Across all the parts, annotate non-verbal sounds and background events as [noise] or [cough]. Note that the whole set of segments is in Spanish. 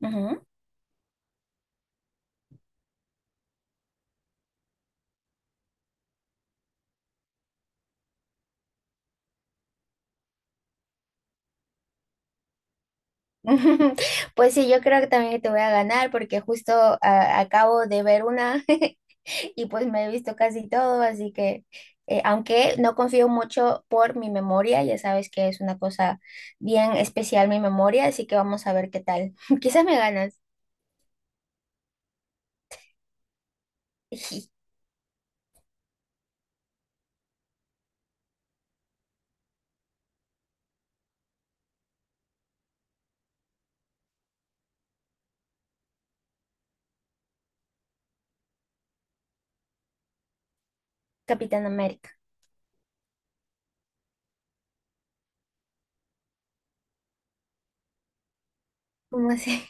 Ujú. [laughs] Pues sí, yo creo que también te voy a ganar porque justo acabo de ver una [laughs] y pues me he visto casi todo, así que aunque no confío mucho por mi memoria, ya sabes que es una cosa bien especial mi memoria, así que vamos a ver qué tal. [laughs] Quizás me ganas. [laughs] Ijí. Capitán América. ¿Cómo así?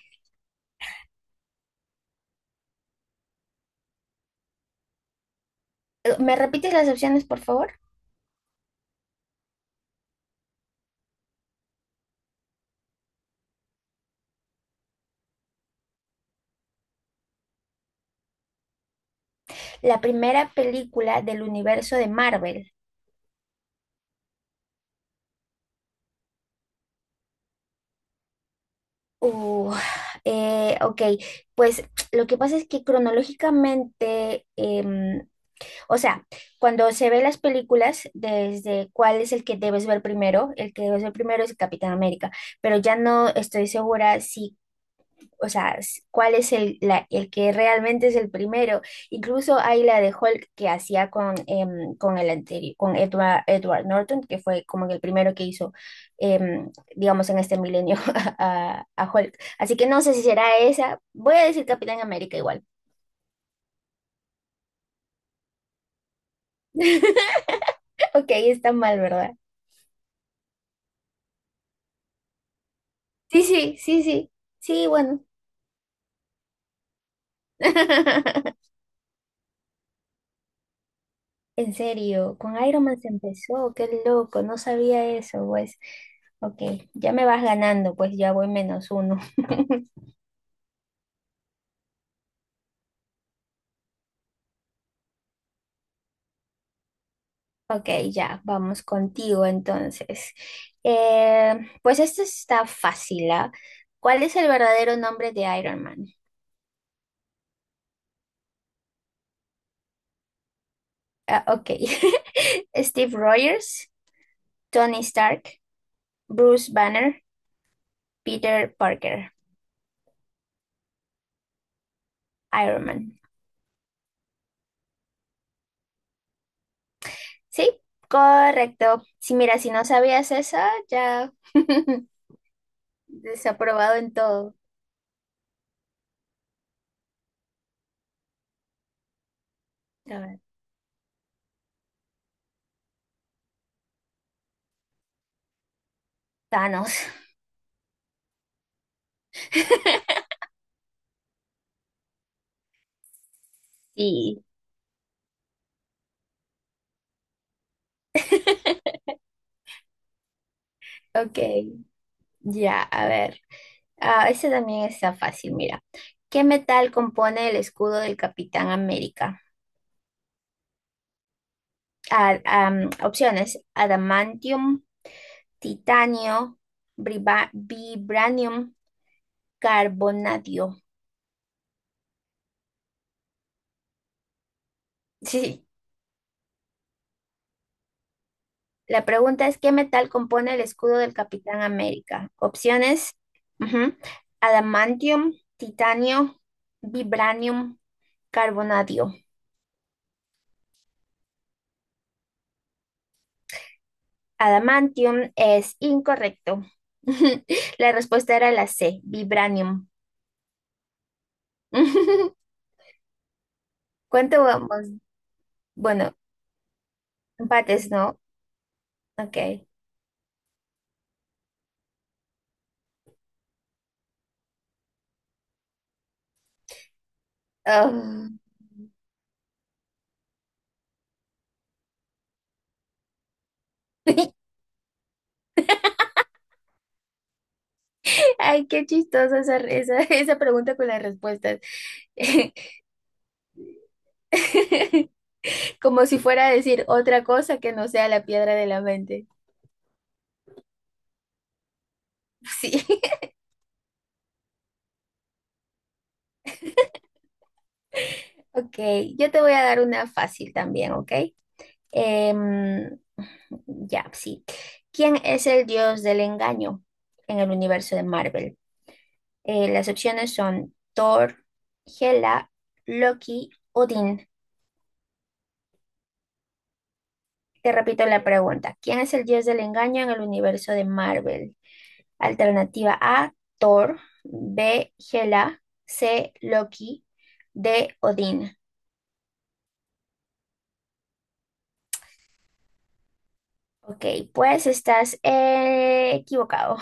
[laughs] ¿Me repites las opciones, por favor? La primera película del universo de Marvel. Uh, ok, pues lo que pasa es que cronológicamente, o sea, cuando se ve las películas, desde cuál es el que debes ver primero, el que debes ver primero es Capitán América, pero ya no estoy segura si o sea, cuál es el que realmente es el primero. Incluso hay la de Hulk que hacía con el anterior, con Edward Norton, que fue como que el primero que hizo, digamos, en este milenio [laughs] a Hulk. Así que no sé si será esa. Voy a decir Capitán América igual. [laughs] Ok, está mal, ¿verdad? Sí, sí, sí, sí. Sí, bueno. [laughs] En serio, con Iron Man se empezó, qué loco, no sabía eso, pues. Ok, ya me vas ganando, pues ya voy menos uno. [laughs] Ok, ya, vamos contigo entonces. Eh, pues esto está fácil, ¿ah? ¿Cuál es el verdadero nombre de Iron Man? Ok, [laughs] Steve Rogers, Tony Stark, Bruce Banner, Peter Parker, Iron Man. Sí, correcto. Si mira, si no sabías eso, ya. [laughs] Desaprobado en todo. A ver, Thanos. [laughs] Sí, ok, ya, a ver. Ese también está fácil, mira. ¿Qué metal compone el escudo del Capitán América? Opciones: adamantium, titanio, vibranium, carbonadio. Sí, la pregunta es: ¿qué metal compone el escudo del Capitán América? Opciones: ujú, adamantium, titanio, vibranium, carbonadio. Adamantium es incorrecto. [laughs] La respuesta era la C, vibranium. [laughs] ¿Cuánto vamos? Bueno, empates, ¿no? Ok. Ah, [laughs] ay, qué chistosa esa, esa, [laughs] esa pregunta con las respuestas. [laughs] Como si fuera a decir otra cosa que no sea la piedra de la mente. Sí. [laughs] Ok, yo te voy a dar una fácil también, ¿ok? Em, ya, sí. ¿Quién es el dios del engaño en el universo de Marvel? Las opciones son Thor, Hela, Loki, Odín. Te repito la pregunta. ¿Quién es el dios del engaño en el universo de Marvel? Alternativa A, Thor, B, Hela, C, Loki, D, Odín. Ok, pues estás equivocado.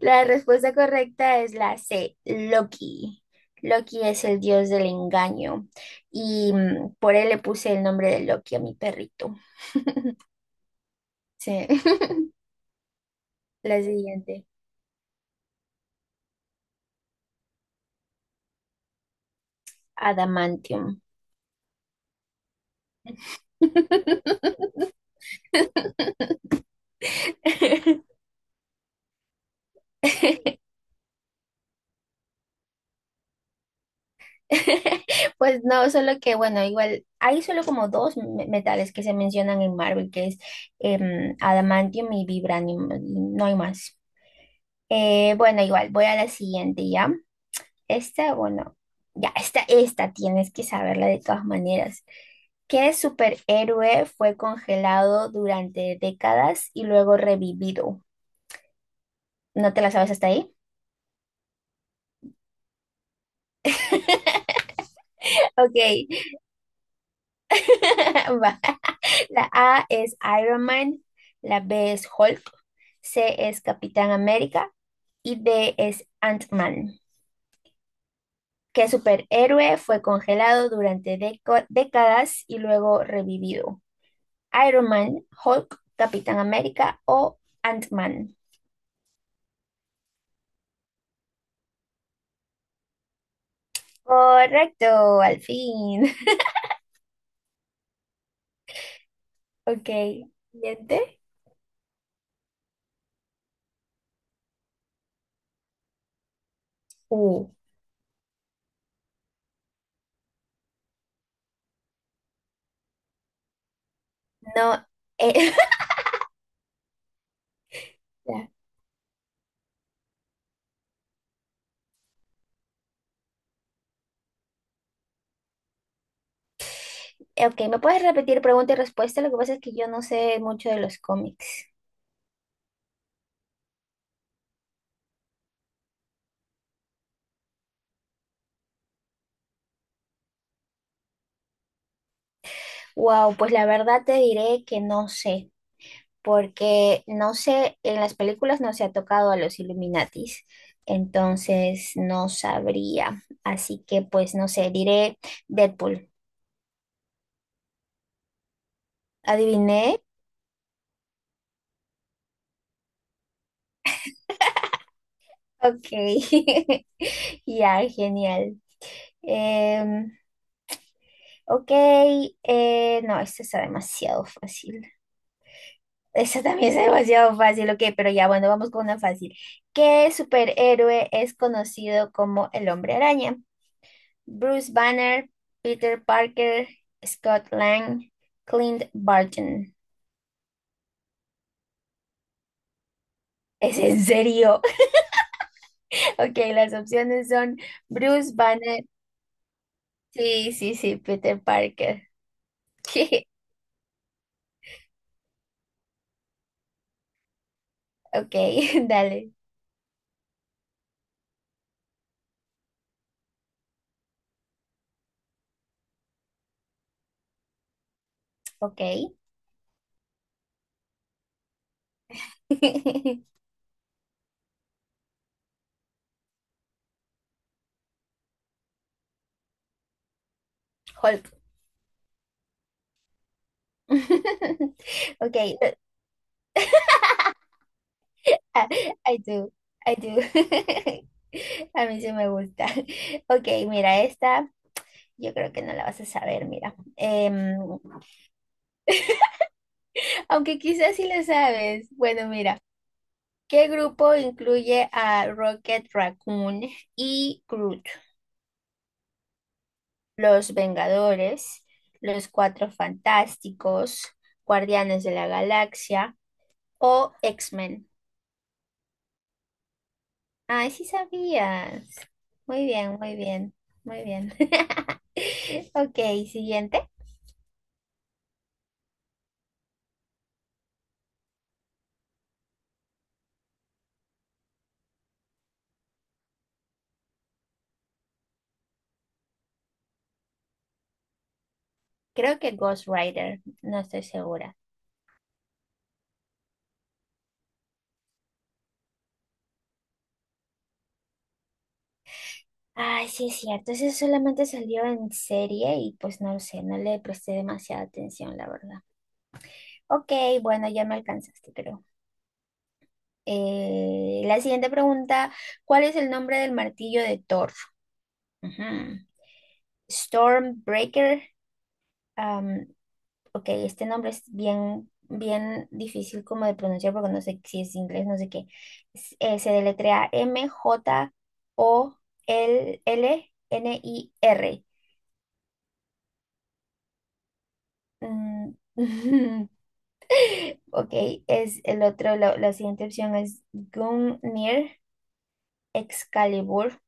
La respuesta correcta es la C, Loki. Loki es el dios del engaño y por él le puse el nombre de Loki a mi perrito. Sí. [laughs] La siguiente, Adamantium. [laughs] Pues no, solo que bueno, igual hay solo como dos metales que se mencionan en Marvel, que es Adamantium y Vibranium, y no hay más. Bueno, igual voy a la siguiente ya. Bueno, ya, esta tienes que saberla de todas maneras. ¿Qué superhéroe fue congelado durante décadas y luego revivido? ¿No te la sabes hasta ahí? Ok, [laughs] va. La A es Iron Man, la B es Hulk, C es Capitán América y D es Ant-Man. ¿Qué superhéroe fue congelado durante décadas y luego revivido? Iron Man, Hulk, Capitán América o Ant-Man. Correcto, al fin. [laughs] Ok, siguiente. Uh, No, eh, [laughs] ya. Ok, ¿me puedes repetir pregunta y respuesta? Lo que pasa es que yo no sé mucho de los cómics. Wow, pues la verdad te diré que no sé, porque no sé, en las películas no se ha tocado a los Illuminatis, entonces no sabría. Así que pues no sé, diré Deadpool. ¿Adiviné? Ok, [laughs] ya, genial. Em, Ok, no, esta está demasiado fácil. Esta también es demasiado fácil, ok, pero ya bueno, vamos con una fácil. ¿Qué superhéroe es conocido como el Hombre Araña? Bruce Banner, Peter Parker, Scott Lang, Clint Barton. ¿Es en serio? [laughs] Ok, las opciones son Bruce Banner. Sí, sí, sí, Peter Parker. [laughs] Ok, [laughs] dale. Ok. [laughs] Hulk. [laughs] Ok, [laughs] Ah, I do, I do. [laughs] A mí sí me gusta. [laughs] Ok, mira, esta yo creo que no la vas a saber, mira. [laughs] Aunque quizás sí la sabes. Bueno, mira, ¿qué grupo incluye a Rocket Raccoon y Groot? Los Vengadores, Los Cuatro Fantásticos, Guardianes de la Galaxia o X-Men. Ay, sí sabías. Muy bien, muy bien, muy bien. [laughs] Ok, siguiente. Creo que Ghost Rider, no estoy segura. Ay, sí es cierto, ese solamente salió en serie y pues no lo sé, no le presté demasiada atención, la verdad. Ok, bueno, ya me alcanzaste, creo. La siguiente pregunta, ¿cuál es el nombre del martillo de Thor? Ujú. Stormbreaker, ok, este nombre es bien, bien difícil como de pronunciar porque no sé si es inglés, no sé qué. Se deletrea Mjolnir. Mm, [laughs] ok, es el otro, la siguiente opción es Gungnir Excalibur.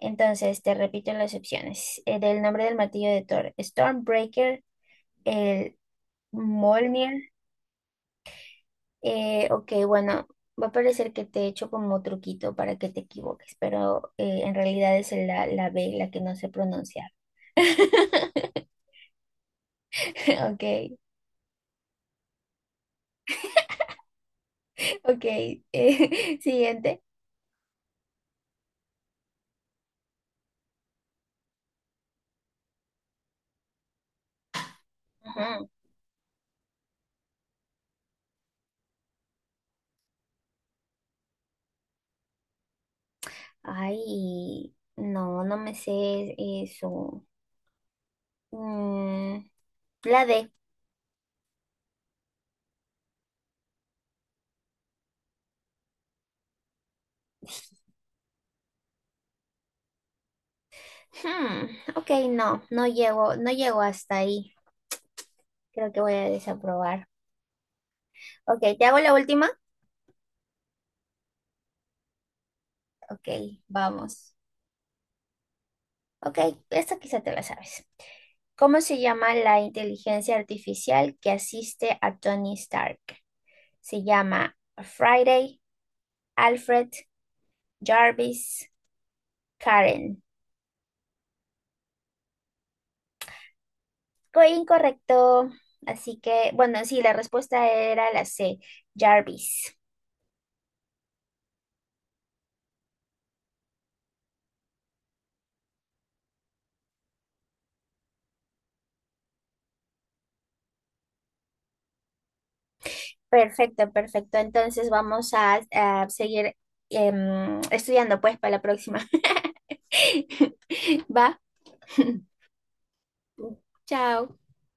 Entonces, te repito las opciones. Del nombre del martillo de Thor, Stormbreaker, el Mjolnir, Ok, bueno, va a parecer que te he hecho como truquito para que te equivoques, pero en realidad es la B, la que no sé pronunciar. [laughs] Ok, ok. [laughs] Siguiente. Ajá. Ay, no, no me sé eso. Mm, la D. Hmm, ok, no, no llego hasta ahí. Creo que voy a desaprobar. Ok, ¿te hago la última? Ok, vamos. Ok, esta quizá te la sabes. ¿Cómo se llama la inteligencia artificial que asiste a Tony Stark? Se llama Friday, Alfred, Jarvis, Karen. Incorrecto. Así que, bueno, sí, la respuesta era la C, Jarvis. Perfecto, perfecto. Entonces vamos a seguir estudiando pues para la próxima. [laughs] Va. [laughs] Chao.